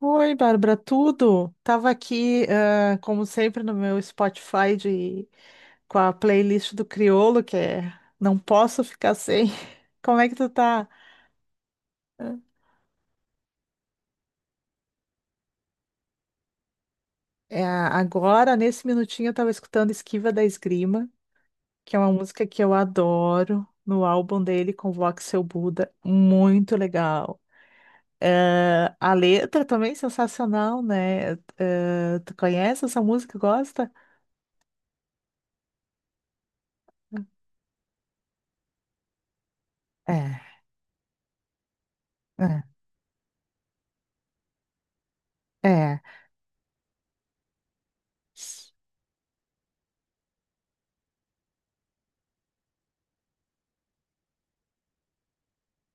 Oi, Bárbara, tudo? Tava aqui, como sempre, no meu Spotify com a playlist do Criolo, que é Não Posso Ficar Sem. Como é que tu tá? É, agora, nesse minutinho, eu tava escutando Esquiva da Esgrima, que é uma música que eu adoro, no álbum dele, Convoque Seu Buda, muito legal. A letra também é sensacional, né? Tu conhece essa música? Gosta? É, é, é.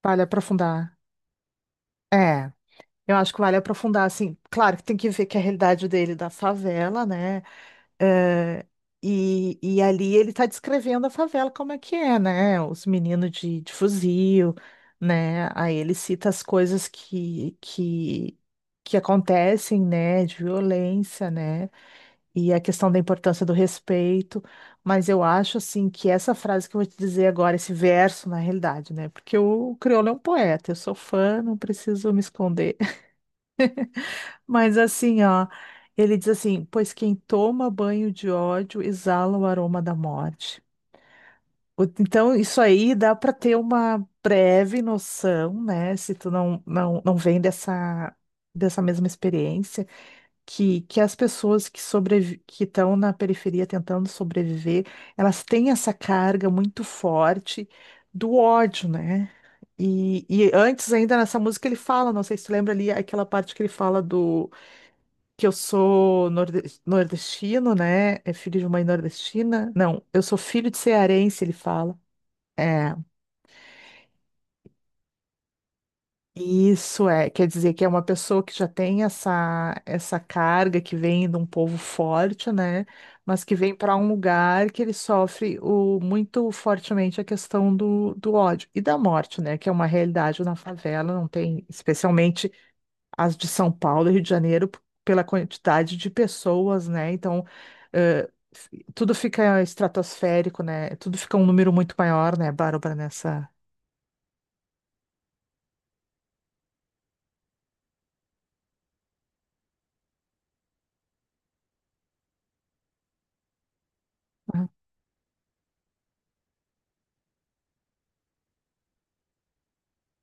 Vale aprofundar. É, eu acho que vale aprofundar, assim, claro que tem que ver que é a realidade dele é da favela, né? É, e ali ele tá descrevendo a favela como é que é, né? Os meninos de fuzil, né? Aí ele cita as coisas que acontecem, né? De violência, né? E a questão da importância do respeito, mas eu acho assim que essa frase que eu vou te dizer agora, esse verso, na realidade, né? Porque o crioulo é um poeta, eu sou fã, não preciso me esconder. Mas assim, ó, ele diz assim: pois quem toma banho de ódio exala o aroma da morte. Então, isso aí dá para ter uma breve noção, né? Se tu não vem dessa mesma experiência que as pessoas que estão na periferia tentando sobreviver, elas têm essa carga muito forte do ódio, né? E antes ainda nessa música ele fala, não sei se tu lembra ali aquela parte que ele fala do que eu sou nordestino, né? É filho de mãe nordestina? Não, eu sou filho de cearense, ele fala. É. Isso é, quer dizer que é uma pessoa que já tem essa, essa carga que vem de um povo forte, né? Mas que vem para um lugar que ele sofre o, muito fortemente a questão do, do ódio e da morte, né? Que é uma realidade na favela, não tem, especialmente as de São Paulo e Rio de Janeiro, pela quantidade de pessoas, né? Então, eh, tudo fica estratosférico, né? Tudo fica um número muito maior, né, Bárbara, nessa. Ah,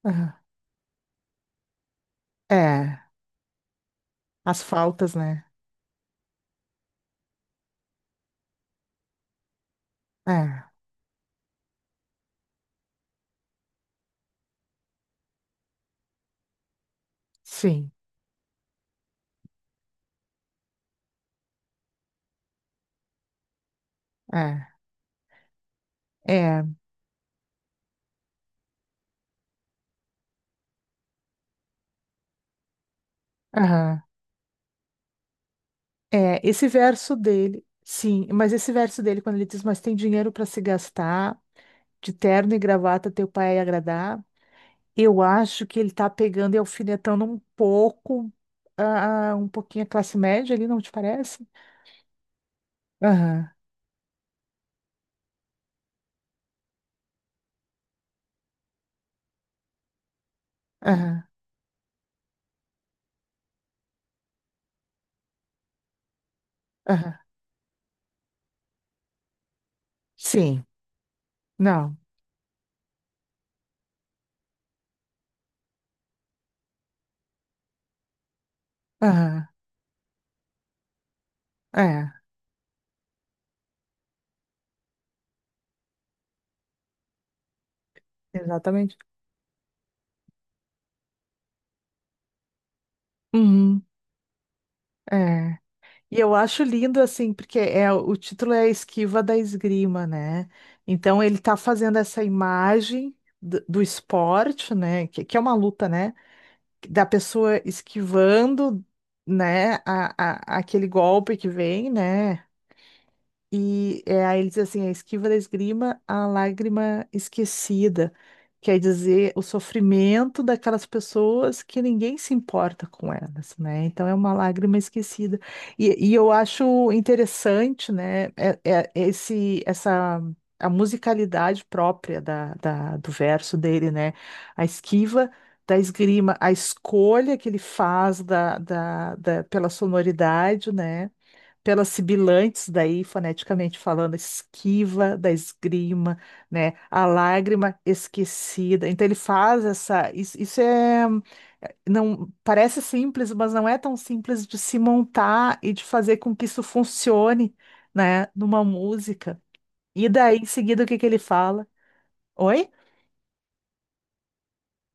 ah. É, as faltas, né? É, sim, é, é, aham, é, esse verso dele, sim, mas esse verso dele, quando ele diz, mas tem dinheiro para se gastar, de terno e gravata teu pai ia agradar, eu acho que ele tá pegando e alfinetando um pouco, ah, um pouquinho a classe média ali, não te parece? Aham, aham, aham, sim, não, aham, é, exatamente, uhum, é. E eu acho lindo assim, porque é o título é a Esquiva da Esgrima, né? Então ele tá fazendo essa imagem do esporte, né? Que é uma luta, né? Da pessoa esquivando, né? Aquele golpe que vem, né? E é, aí ele diz assim, a esquiva da esgrima, a lágrima esquecida. Quer dizer, o sofrimento daquelas pessoas que ninguém se importa com elas, né? Então é uma lágrima esquecida. E eu acho interessante, né, a musicalidade própria da, do verso dele, né? A esquiva da esgrima, a escolha que ele faz da, da, pela sonoridade, né? Pelas sibilantes daí, foneticamente falando, esquiva da esgrima, né? A lágrima esquecida. Então ele faz essa. Isso é. Não parece simples, mas não é tão simples de se montar e de fazer com que isso funcione, né? Numa música. E daí, em seguida, o que que ele fala? Oi?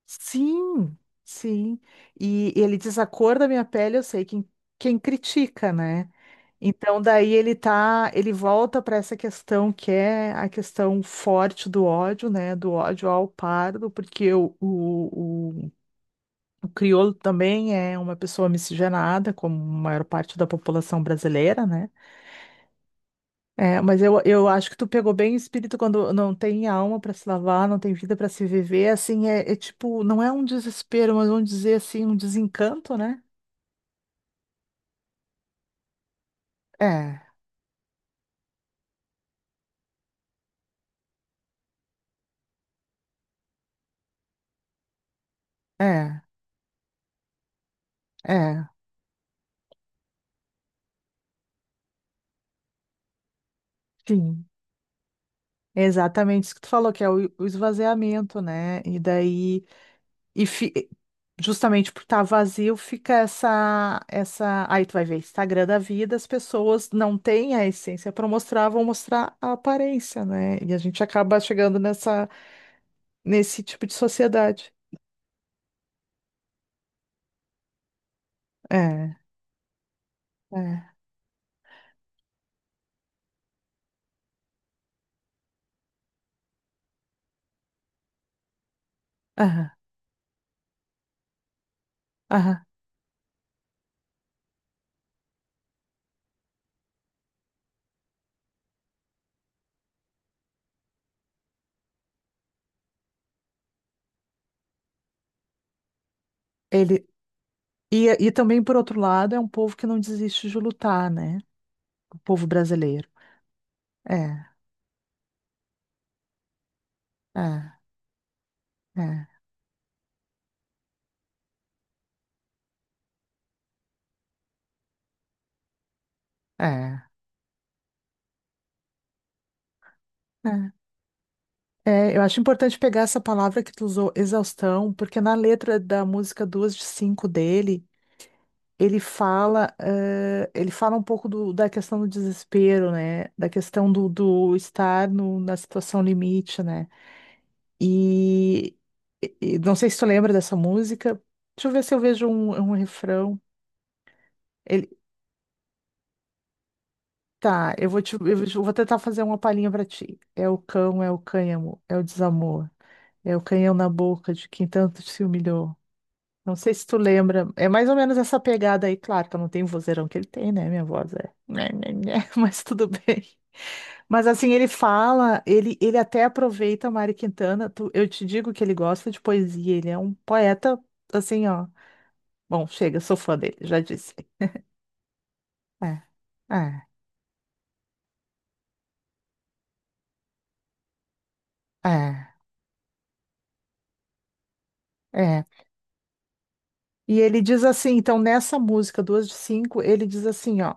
Sim, sim. E ele diz a cor da minha pele, eu sei quem critica, né? Então daí ele volta para essa questão que é a questão forte do ódio, né? Do ódio ao pardo, porque o crioulo também é uma pessoa miscigenada, como a maior parte da população brasileira, né? É, mas eu acho que tu pegou bem o espírito quando não tem alma para se lavar, não tem vida para se viver, assim, é, é, tipo, não é um desespero, mas vamos dizer assim, um desencanto, né? É, é, é, sim. É exatamente isso que tu falou, que é o esvaziamento, né? E daí, e fi- justamente por estar vazio, fica aí tu vai ver Instagram da vida, as pessoas não têm a essência para mostrar, vão mostrar a aparência, né? E a gente acaba chegando nessa nesse tipo de sociedade. É, é. Aham, aham. Ele, e também, por outro lado, é um povo que não desiste de lutar, né? O povo brasileiro. É, é, é, é. É. É, eu acho importante pegar essa palavra que tu usou, exaustão, porque na letra da música Duas de Cinco dele, ele fala, ele fala um pouco do- da questão do desespero, né? Da questão do, do estar no- na situação limite, né? E, e não sei se tu lembra dessa música. Deixa eu ver se eu vejo um refrão. Ele, tá, eu vou tentar fazer uma palhinha pra ti. É o cão, é o cânhamo, é o desamor, é o canhão na boca de quem tanto se humilhou. Não sei se tu lembra. É mais ou menos essa pegada aí, claro que eu não tenho o vozeirão que ele tem, né? Minha voz é. Né, né, né, mas tudo bem. Mas assim, ele fala, ele até aproveita Mari Quintana. Eu te digo que ele gosta de poesia, ele é um poeta, assim, ó. Bom, chega, sou fã dele, já disse. É, é, é, é. E ele diz assim, então nessa música, duas de cinco, ele diz assim, ó,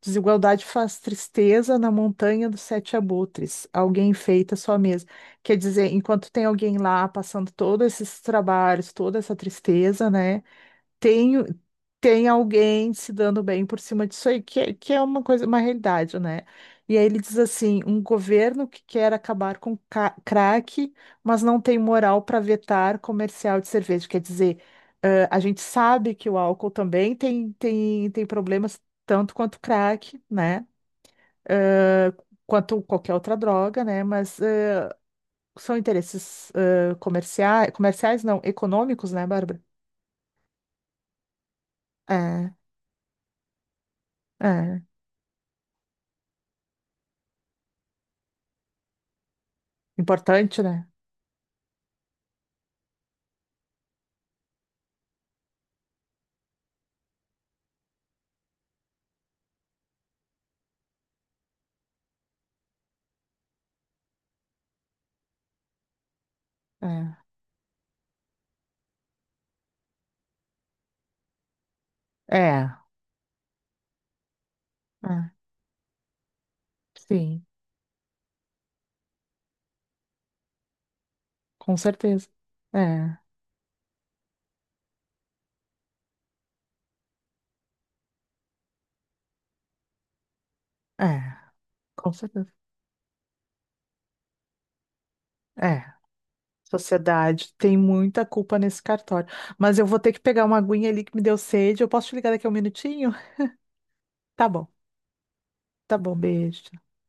desigualdade faz tristeza na montanha dos sete abutres, alguém enfeita sua mesa. Quer dizer, enquanto tem alguém lá passando todos esses trabalhos, toda essa tristeza, né? tem, tem alguém se dando bem por cima disso aí, que é uma coisa, uma realidade, né? E aí ele diz assim, um governo que quer acabar com crack, mas não tem moral para vetar comercial de cerveja. Quer dizer, a gente sabe que o álcool também tem, tem problemas, tanto quanto crack, né? Ãh, quanto qualquer outra droga, né? Mas são interesses comerciais, comerciais não, econômicos, né, Bárbara? É, é. Importante, né? É, é, é, sim, com certeza. É, é, com certeza. É, sociedade tem muita culpa nesse cartório. Mas eu vou ter que pegar uma aguinha ali que me deu sede. Eu posso te ligar daqui a um minutinho? Tá bom, tá bom, beijo.